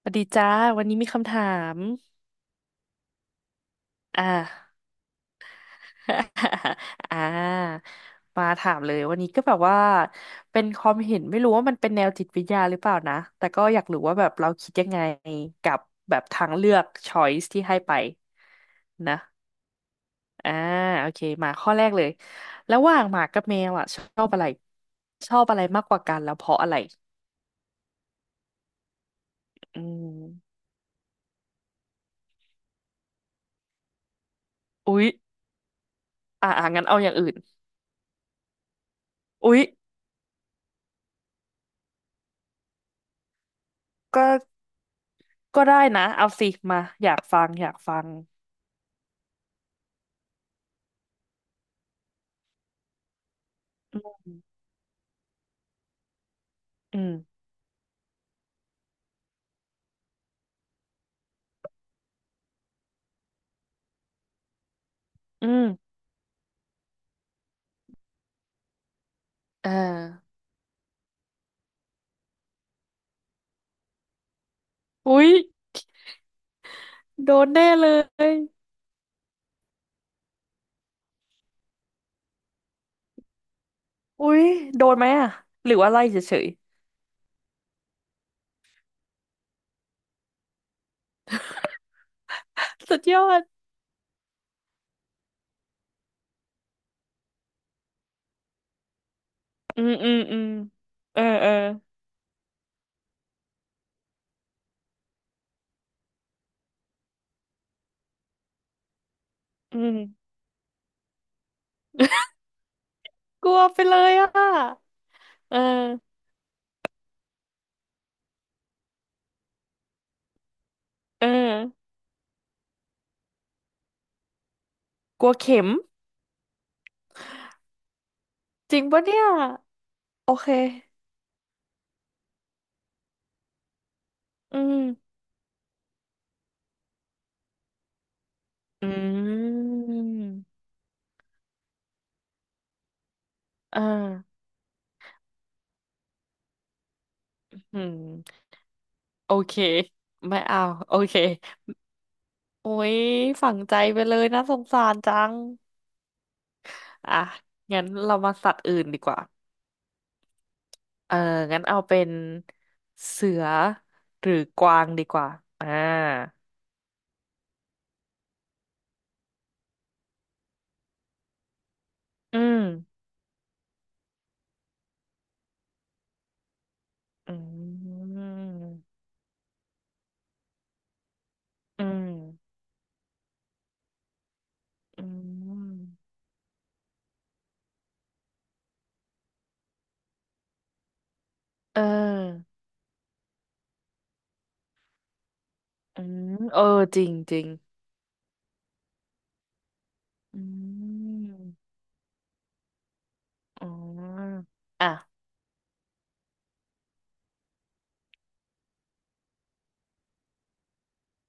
สวัสดีจ้าวันนี้มีคำถามอ่า อ่ามาถามเลยวันนี้ก็แบบว่าเป็นความเห็นไม่รู้ว่ามันเป็นแนวจิตวิทยาหรือเปล่านะแต่ก็อยากรู้ว่าแบบเราคิดยังไงกับแบบทางเลือก choice ที่ให้ไปนะอ่าโอเคมาข้อแรกเลยระหว่างหมากับแมวอ่ะชอบอะไรชอบอะไรมากกว่ากันแล้วเพราะอะไรอืมอุ๊ยอ่างั้นเอาอย่างอื่นอุ๊ยก็ ก็ได้นะเอาสิมาอยากฟังอยากฟังอืมอืมอืมเอออุ๊ยโดนแน่เลยอุ๊ยโดนไหมอ่ะหรือว่าไล่เฉยๆ สุดยอดอืมอืมเออเอออืมกลัวไปเลยอ่ะเออเออกลัวเข็มจริงปะเนี่ยโอเคอืมอืมอ่าอืมโอเคไม่เอาโอเค โอ้ยฝังใจไปเลยนะสงสารจังอ่ะงั้นเรามาสัตว์อื่นดีกว่าเอองั้นเอาเป็นเสือหรือกวางดีกว่าอ่าอืมอืมอืมอืมเอออืมเออจริงจริงอืมอ๋ออ่ะ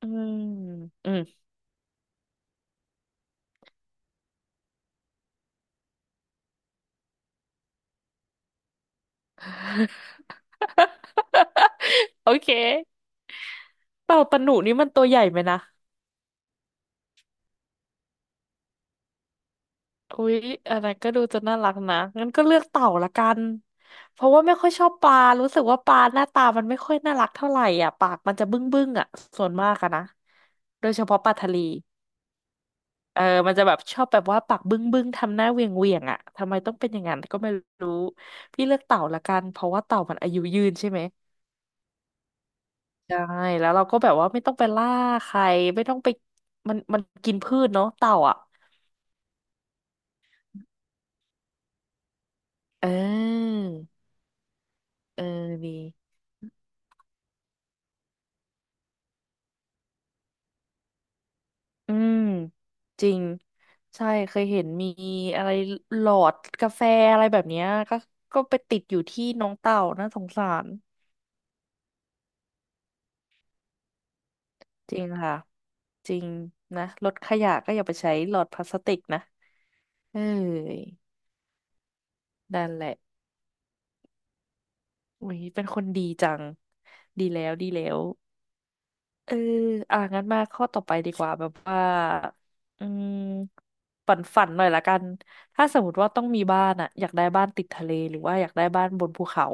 อืมอืม โอเคเต่าตะหนุนี่มันตัวใหญ่ไหมนะ อุ๊ยอะไรก็ดูจะน่ารักนะงั้นก็เลือกเต่าละกันเพราะว่าไม่ค่อยชอบปลารู้สึกว่าปลาหน้าตามันไม่ค่อยน่ารักเท่าไหร่อ่ะปากมันจะบึ้งบึ้งอ่ะส่วนมากอะนะโดยเฉพาะปลาทะเลเออมันจะแบบชอบแบบว่าปากบึ้งบึ้งทำหน้าเหวียงเวียงอ่ะทำไมต้องเป็นอย่างนั้นก็ไม่รู้พี่เลือกเต่าละกันเพราะว่าเต่ามันอายุยืนใช่ไหมใช่แล้วเราก็แบบว่าไม่ต้องไปล่าใครไม่ต้องไปมันกินพืชเนาะเต่าอ่ะเออเออดี อืมจริงใช่เคยเห็นมีอะไรหลอดกาแฟอะไรแบบเนี้ยก็ก็ไปติดอยู่ที่น้องเต่าน่าสงสารจริงค่ะจริงนะรถขยะก็อย่าไปใช้หลอดพลาสติกนะเอ้ยนั่นแหละอุ้ยเป็นคนดีจังดีแล้วดีแล้วเอออ่ะงั้นมาข้อต่อไปดีกว่าแบบว่าอืมฝันฝันหน่อยละกันถ้าสมมติว่าต้องมีบ้านอะอยากได้บ้านติดทะเลหรือว่าอยากได้บ้านบนภูเขา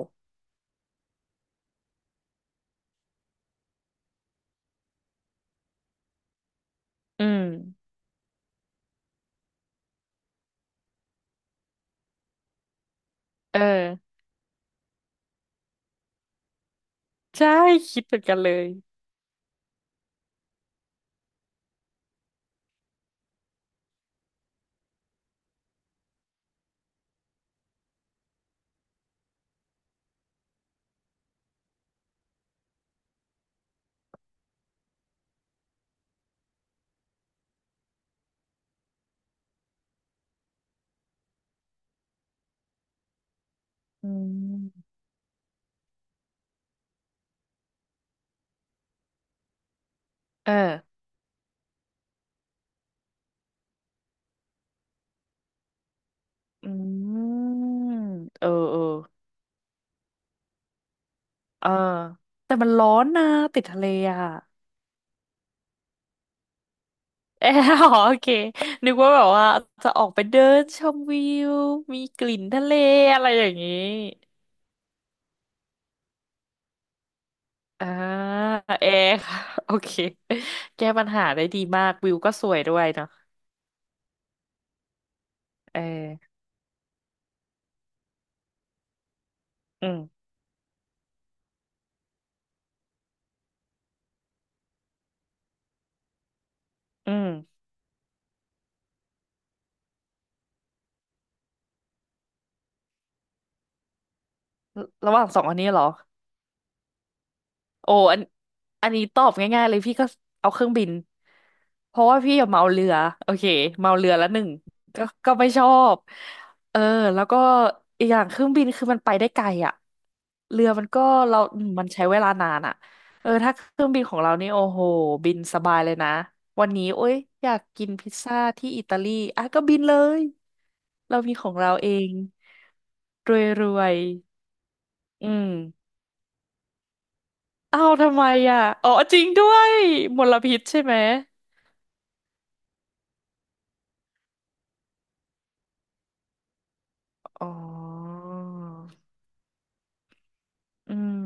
อืม เออ ใช่คิดเหมือนกันเลยอืมเอออืมเออ เออเออแต่มันร้อนนะติดทะเลอ่ะเอออ๋อโอเค นึกว่าแบบว่าจะออกไปเดินชมวิว มีกลิ่นทะเลอะไรอย่างนี้อ่าเอร์ค่ะ โอเค แก้ปัญหาได้ดีมากวิวก็สวยด้วยเนาะเอออืม อืม ระหว่างสองอันนี้เหรอ โอ้อันนี้ตอบง่ายๆเลยพี่ก็เอาเครื่องบินเพราะว่าพี่อะเมาเรือโอเคเมาเรือละหนึ่งก็ไม่ชอบเออแล้วก็อีกอย่างเครื่องบินคือมันไปได้ไกลอ่ะเรือมันก็เราอืมมันใช้เวลานานอ่ะเออถ้าเครื่องบินของเรานี่โอ้โหบินสบายเลยนะวันนี้โอ๊ยอยากกินพิซซ่าที่อิตาลีอ่ะก็บินเลยเรามีของเราเองรวยๆอืม อ้าวทำไมอ่ะอ๋อจริงด้วยมลพิษใช่ไหมอ๋ออืม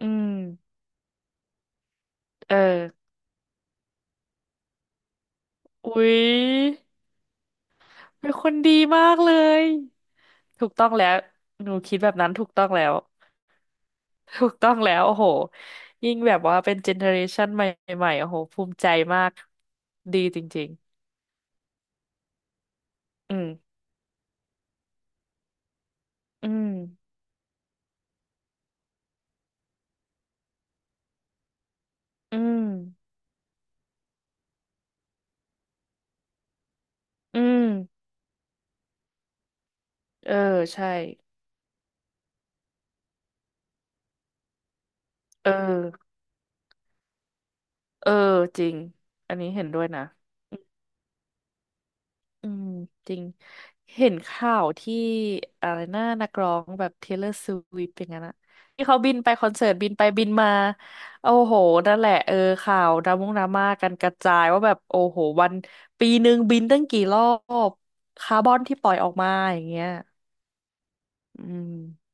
อืมเอออุ๊ยเป็นคนดีมากเลยถูกต้องแล้วหนูคิดแบบนั้นถูกต้องแล้วถูกต้องแล้วโอ้โหยิ่งแบบว่าเป็นเจเนอเรชันใหม่ๆโอ้โหภูมิใจมากดีจริงๆอืมอืมอืมเออใช่เออเออจริงอันนี้เห็นด้วยนะ อืมจริงเห็นข่าวที่อะไรนะนักร้องแบบ Taylor Swift อย่างนั้นอะที่เขาบินไปคอนเสิร์ตบินไปบินมาโอ้โหนั่นแหละเออข่าวดราม่งดราม่ากันกระจายว่าแบบโอ้โหวันปีหนึ่งบินตั้งกี่รอบคาร์บอนที่ปล่อยออกมาอย่างเงี้ยอืม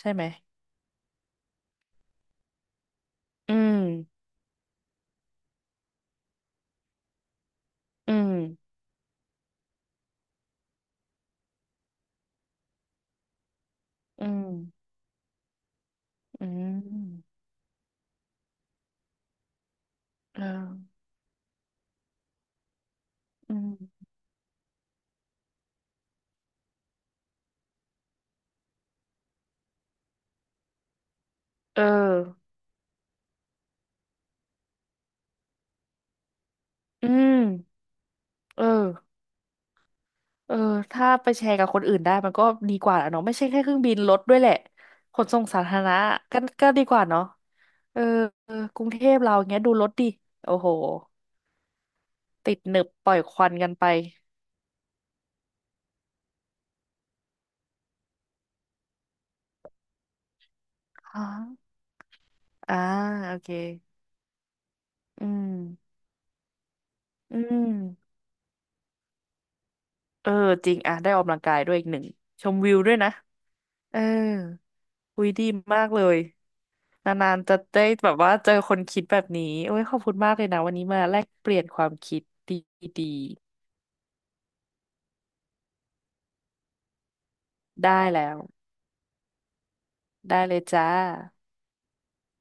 ใช่ไหมอืมอืมอืมอืมเอออืมเอออืมเออ เออถ้าไปแชร์กับคนอื่นได้มันก็ดีกว่าแหละเนาะไม่ใช่แค่เครื่องบินรถด้วยแหละขนส่งสาธารณะก็ก็ดีกว่าเนาะเออเออกรุงเทพเราอย่างเงี้ยดูรถดิโอ้โหติดหนึบปล่อยควันกันไปฮะอ่าโอเคอืมอืมเออจริงอ่ะได้ออกกำลังกายด้วยอีกหนึ่งชมวิวด้วยนะเออคุยดีมากเลยนานๆจะได้แบบว่าเจอคนคิดแบบนี้โอ้ยขอบคุณมากเลยนะวันนี้มาแลกเปลี่ยนความคิดดีๆได้แล้ว ได้เลยจ้า